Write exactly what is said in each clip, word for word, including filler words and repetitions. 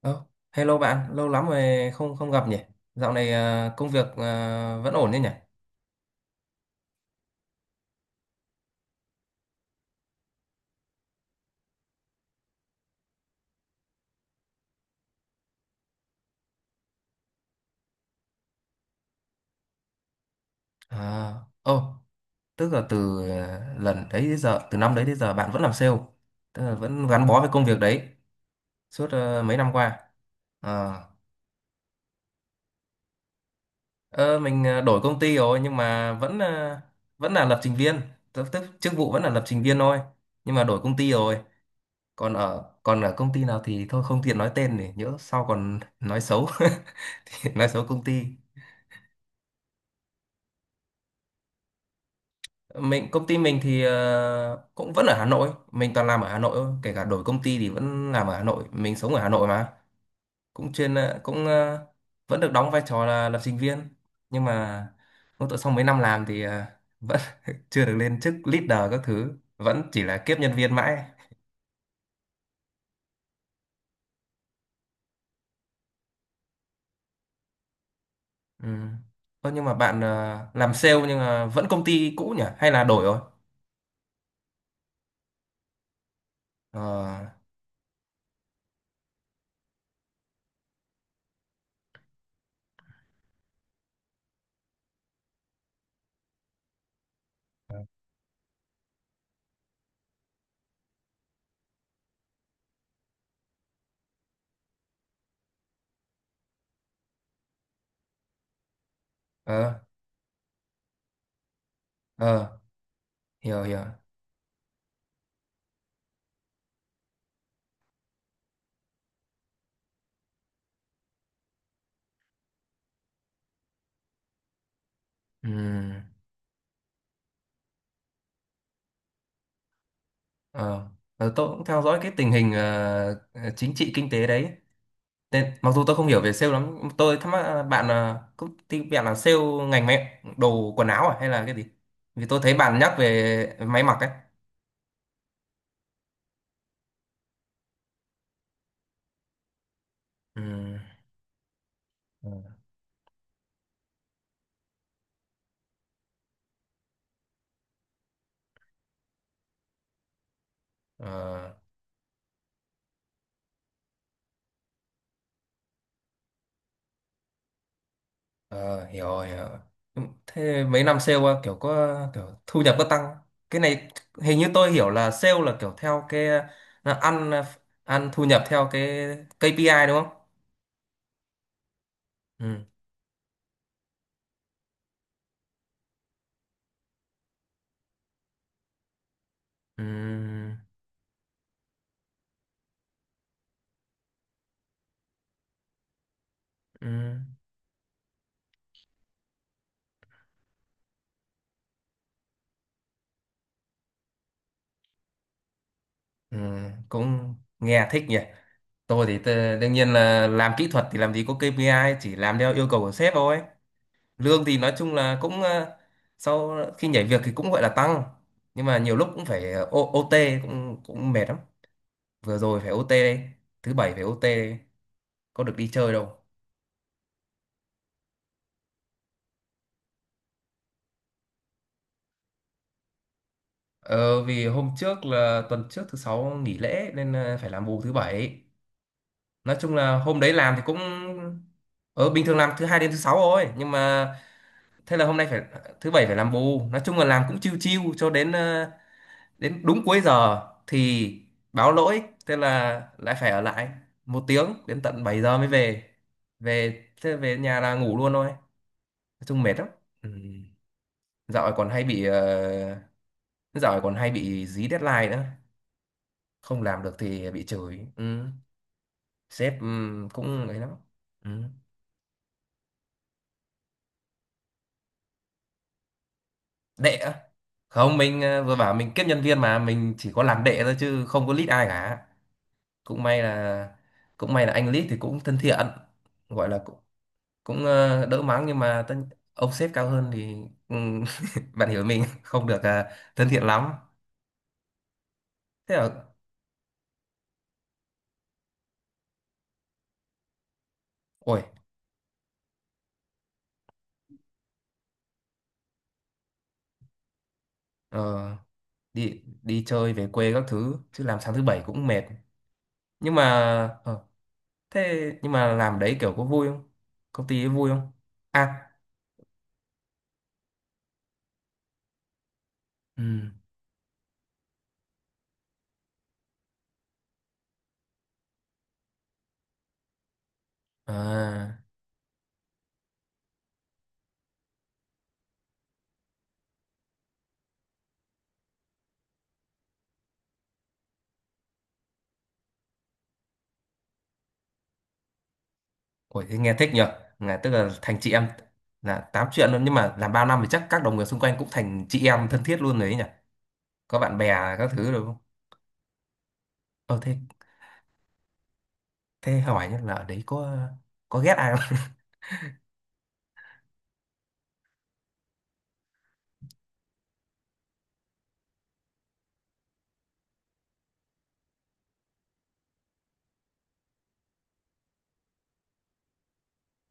Ơ, hello bạn, lâu lắm rồi không không gặp nhỉ? Dạo này à, công việc à, vẫn ổn đấy nhỉ? À, ồ, tức là từ à, lần đấy đến giờ, từ năm đấy đến giờ bạn vẫn làm sale, tức là vẫn gắn bó với công việc đấy suốt à, mấy năm qua. À, ờ, mình à, đổi công ty rồi, nhưng mà vẫn à, vẫn là lập trình viên, tức, tức chức vụ vẫn là lập trình viên thôi, nhưng mà đổi công ty rồi. Còn ở còn ở công ty nào thì thôi không tiện nói tên, để nhỡ sau còn nói xấu, nói xấu công ty. Mình công ty mình thì ờ, cũng vẫn ở Hà Nội, mình toàn làm ở Hà Nội thôi, kể cả đổi công ty thì vẫn làm ở Hà Nội, mình sống ở Hà Nội mà. Cũng chuyên ờ, cũng ờ, Vẫn được đóng vai trò là lập trình viên, nhưng mà cũng tự sau mấy năm làm thì ờ, vẫn chưa được lên chức leader các thứ, vẫn chỉ là kiếp nhân viên mãi. Ừ. Ơ, nhưng mà bạn ờ, làm sale nhưng mà vẫn công ty cũ nhỉ, hay là đổi rồi? ờ ờ ờ Hiểu hiểu. Ừ. Ờ, ờ, tôi cũng theo dõi cái tình hình ờ, ờ, chính trị kinh tế đấy. Nên, mặc dù tôi không hiểu về sale lắm, tôi thắc mắc là bạn ờ, công ty bạn là sale ngành mẹ đồ quần áo à, hay là cái gì? Vì tôi thấy bạn nhắc về máy mặc ấy. Ừ. Ừ. Ờ, ờ, hiểu rồi, hiểu rồi. Ừ, thế mấy năm sale qua kiểu có kiểu thu nhập có tăng. Cái này hình như tôi hiểu là sale là kiểu theo cái, là ăn ờ, ăn thu nhập theo cái kê pi ai đúng không? Ừ. Ừ. Ừ. Ừ. Cũng nghe thích nhỉ. Tôi thì tơ- đương nhiên là làm kỹ thuật thì làm gì có ca pê i, chỉ làm theo yêu cầu của sếp thôi. Lương thì nói chung là cũng ờ, sau khi nhảy việc thì cũng gọi là tăng. Nhưng mà nhiều lúc cũng phải ờ, ô tê cũng cũng mệt lắm. Vừa rồi phải o ti đây, thứ bảy phải o ti đây, có được đi chơi đâu. Ờ, vì hôm trước, là tuần trước thứ sáu nghỉ lễ, nên ờ, phải làm bù thứ bảy. Nói chung là hôm đấy làm thì cũng ờ bình thường làm thứ hai đến thứ sáu thôi, nhưng mà thế là hôm nay phải, thứ bảy phải làm bù. Nói chung là làm cũng chiêu chiêu cho đến ờ, đến đúng cuối giờ thì báo lỗi, thế là lại phải ở lại một tiếng đến tận bảy giờ mới về. Về thế về nhà là ngủ luôn thôi, nói chung mệt lắm. Ừ. dạo này còn hay bị ờ, Dạo này còn hay bị dí deadline nữa, không làm được thì bị chửi. Ừ. Sếp ừ, cũng ấy lắm. Ừ. Đệ á? Không, mình ờ, vừa bảo mình kiếp nhân viên mà, mình chỉ có làm đệ thôi chứ không có lead ai cả. Cũng may là cũng may là anh lead thì cũng thân thiện, gọi là cũng, cũng ờ, đỡ mắng, nhưng mà tân, ông sếp cao hơn thì ừm, bạn hiểu, mình không được ờ, thân thiện lắm. Thế là ôi, ờ, đi đi chơi về quê các thứ, chứ làm sáng thứ bảy cũng mệt. Nhưng mà ờ, thế nhưng mà làm đấy kiểu có vui không, công ty ấy vui không? À. Ừ. À. Ôi, thế nghe thích nhở, là tức là thành chị em, là tám chuyện luôn, nhưng mà làm bao năm thì chắc các đồng nghiệp xung quanh cũng thành chị em thân thiết luôn đấy nhỉ, có bạn bè các thứ rồi không? ờ thế thế hỏi nhá, là ở đấy có có ghét ai không?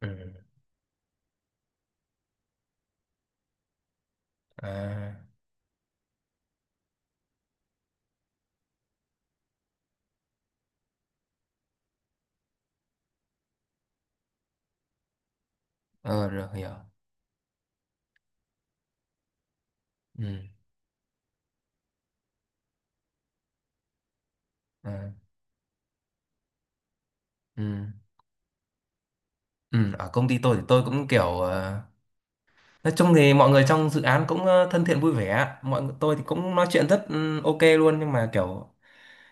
Ừ. À. ờ Được, hiểu. Ừ. À, ừ. Ừ, ở công ty tôi thì tôi cũng kiểu ờ, nói chung thì mọi người trong dự án cũng ờ, thân thiện vui vẻ, mọi người tôi thì cũng nói chuyện rất ừ, ok luôn, nhưng mà kiểu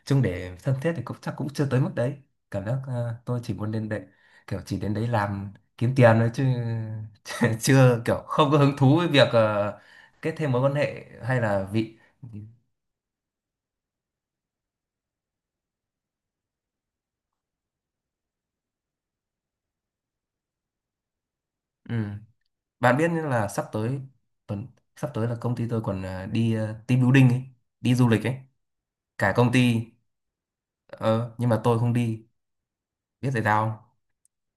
chung để thân thiết thì cũng chắc cũng chưa tới mức đấy. Cảm giác ờ, tôi chỉ muốn đến đấy, kiểu chỉ đến đấy làm kiếm tiền thôi chứ chưa, kiểu không có hứng thú với việc ờ, kết thêm mối quan hệ, hay là vị. Ừ. Bạn biết là sắp tới tuần sắp tới là công ty tôi còn ờ, đi ờ, team building ấy, đi du lịch ấy, cả công ty. Ờ, nhưng mà tôi không đi. Biết tại sao không?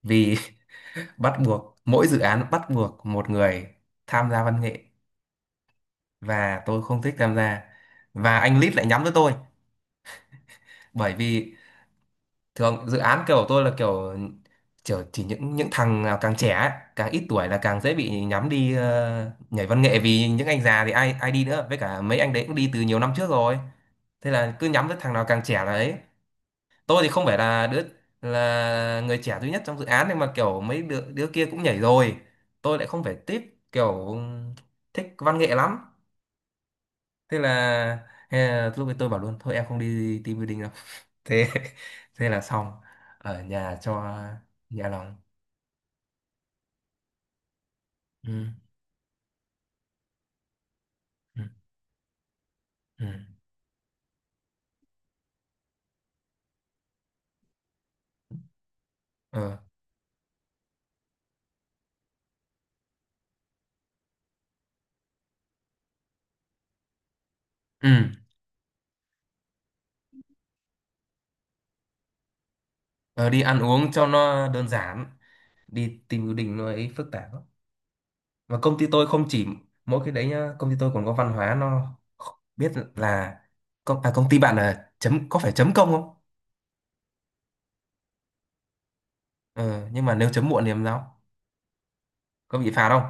Vì bắt buộc mỗi dự án bắt buộc một người tham gia văn nghệ, và tôi không thích tham gia, và anh lead lại nhắm tới tôi. Bởi vì thường dự án kiểu tôi là kiểu kiểu chỉ những những thằng nào càng trẻ ấy, càng ít tuổi là càng dễ bị nhắm đi ờ, nhảy văn nghệ, vì những anh già thì ai ai đi nữa, với cả mấy anh đấy cũng đi từ nhiều năm trước rồi, thế là cứ nhắm tới thằng nào càng trẻ là ấy. Tôi thì không phải là đứa, là người trẻ duy nhất trong dự án, nhưng mà kiểu mấy đứa, đứa kia cũng nhảy rồi, tôi lại không phải, tiếp kiểu thích văn nghệ lắm. Thế là thế là lúc ấy tôi bảo luôn, thôi em không đi team building đâu. thế thế là xong, ở nhà cho nhà lòng. Ừ, ừ, ừ. Ờ, ừ. Ờ, đi ăn uống cho nó đơn giản, đi team building nó ấy phức tạp lắm. Và công ty tôi không chỉ mỗi cái đấy nhá, công ty tôi còn có văn hóa nó, biết là công, à, công ty bạn là chấm, có phải chấm công không? Ừ, nhưng mà nếu chấm muộn thì làm sao, có bị phạt không?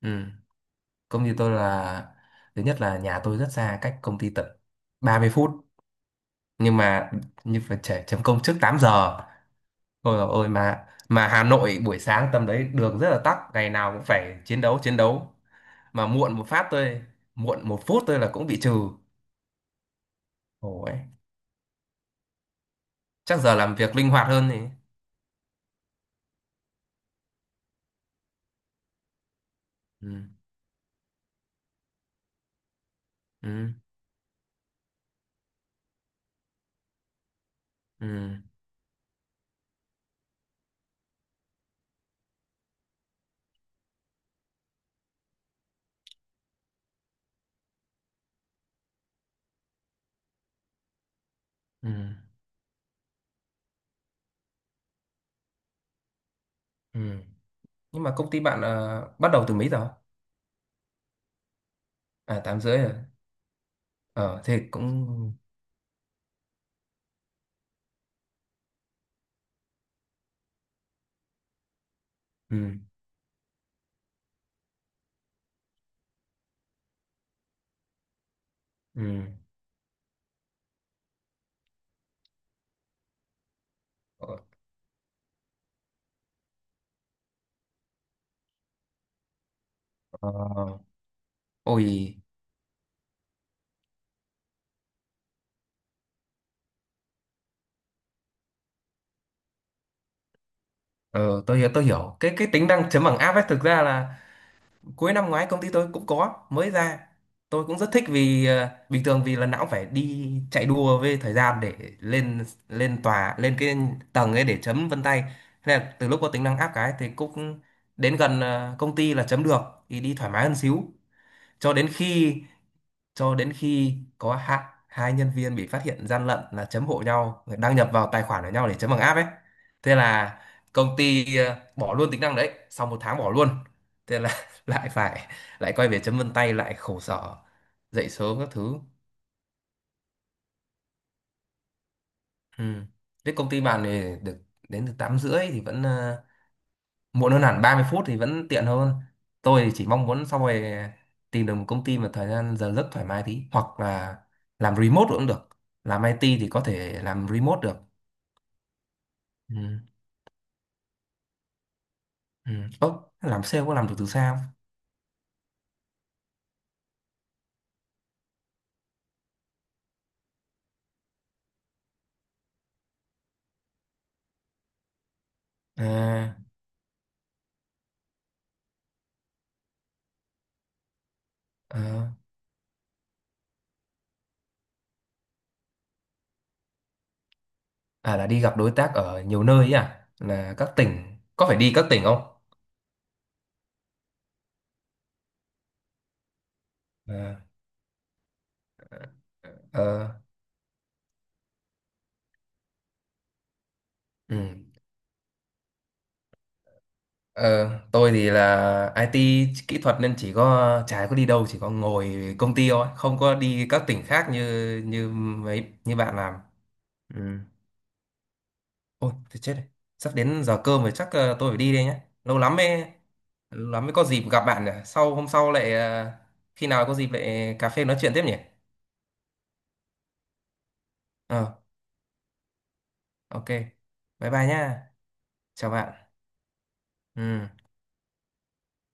Ừ. Công ty tôi là, thứ nhất là nhà tôi rất xa cách công ty, tận ba mươi phút, nhưng mà như phải trẻ chấm công trước tám giờ. Ôi dồi ôi, mà mà Hà Nội buổi sáng tầm đấy đường rất là tắc, ngày nào cũng phải chiến đấu chiến đấu, mà muộn một phát tôi muộn một phút tôi là cũng bị trừ. Ôi, chắc giờ làm việc linh hoạt hơn thì. Ừ, ừ, ừ, ừ, ừ. Nhưng mà công ty bạn ờ, bắt đầu từ mấy giờ? À, tám rưỡi rồi. ờ Thế cũng, ừ, ừ. Ờ, ờ. Ôi, ờ, tôi hiểu, tôi hiểu. Cái cái tính năng chấm bằng app ấy thực ra là cuối năm ngoái công ty tôi cũng có mới ra. Tôi cũng rất thích, vì ờ, bình thường vì lần nào cũng phải đi chạy đua với thời gian để lên lên tòa, lên cái tầng ấy để chấm vân tay. Thế là từ lúc có tính năng app cái thì cũng đến gần ờ, công ty là chấm được, thì đi thoải mái hơn xíu. Cho đến khi, cho đến khi có hạ hai nhân viên bị phát hiện gian lận là chấm hộ nhau, đăng nhập vào tài khoản của nhau để chấm bằng app ấy, thế là công ty ờ, bỏ luôn tính năng đấy sau một tháng, bỏ luôn, thế là lại phải, lại quay về chấm vân tay, lại khổ sở dậy sớm các thứ. Ừ. Thế công ty bạn thì được đến từ tám rưỡi thì vẫn ờ, muộn hơn hẳn ba mươi phút, thì vẫn tiện hơn. Tôi thì chỉ mong muốn sau này tìm được một công ty mà thời gian giờ giấc thoải mái tí, hoặc là làm remote cũng được, làm i tê thì có thể làm remote được. Ừ. Ừ. Ơ, làm sale có làm được từ xa không? À, à, à, là đi gặp đối tác ở nhiều nơi ấy à, là các tỉnh, có phải đi các tỉnh không? À, ờ, ừ. Ờ, tôi thì là i tê kỹ thuật nên chỉ có, chả có đi đâu, chỉ có ngồi công ty thôi, không có đi các tỉnh khác như như mấy như bạn làm. Ừ. Ôi thì chết rồi, sắp đến giờ cơm rồi, chắc ờ, tôi phải đi đây nhé, lâu lắm mới lâu lắm mới có dịp gặp bạn nhỉ, sau hôm sau lại ờ, khi nào có dịp lại cà phê nói chuyện tiếp nhỉ. ờ ok, bye bye nhá. Chào bạn. Ừ.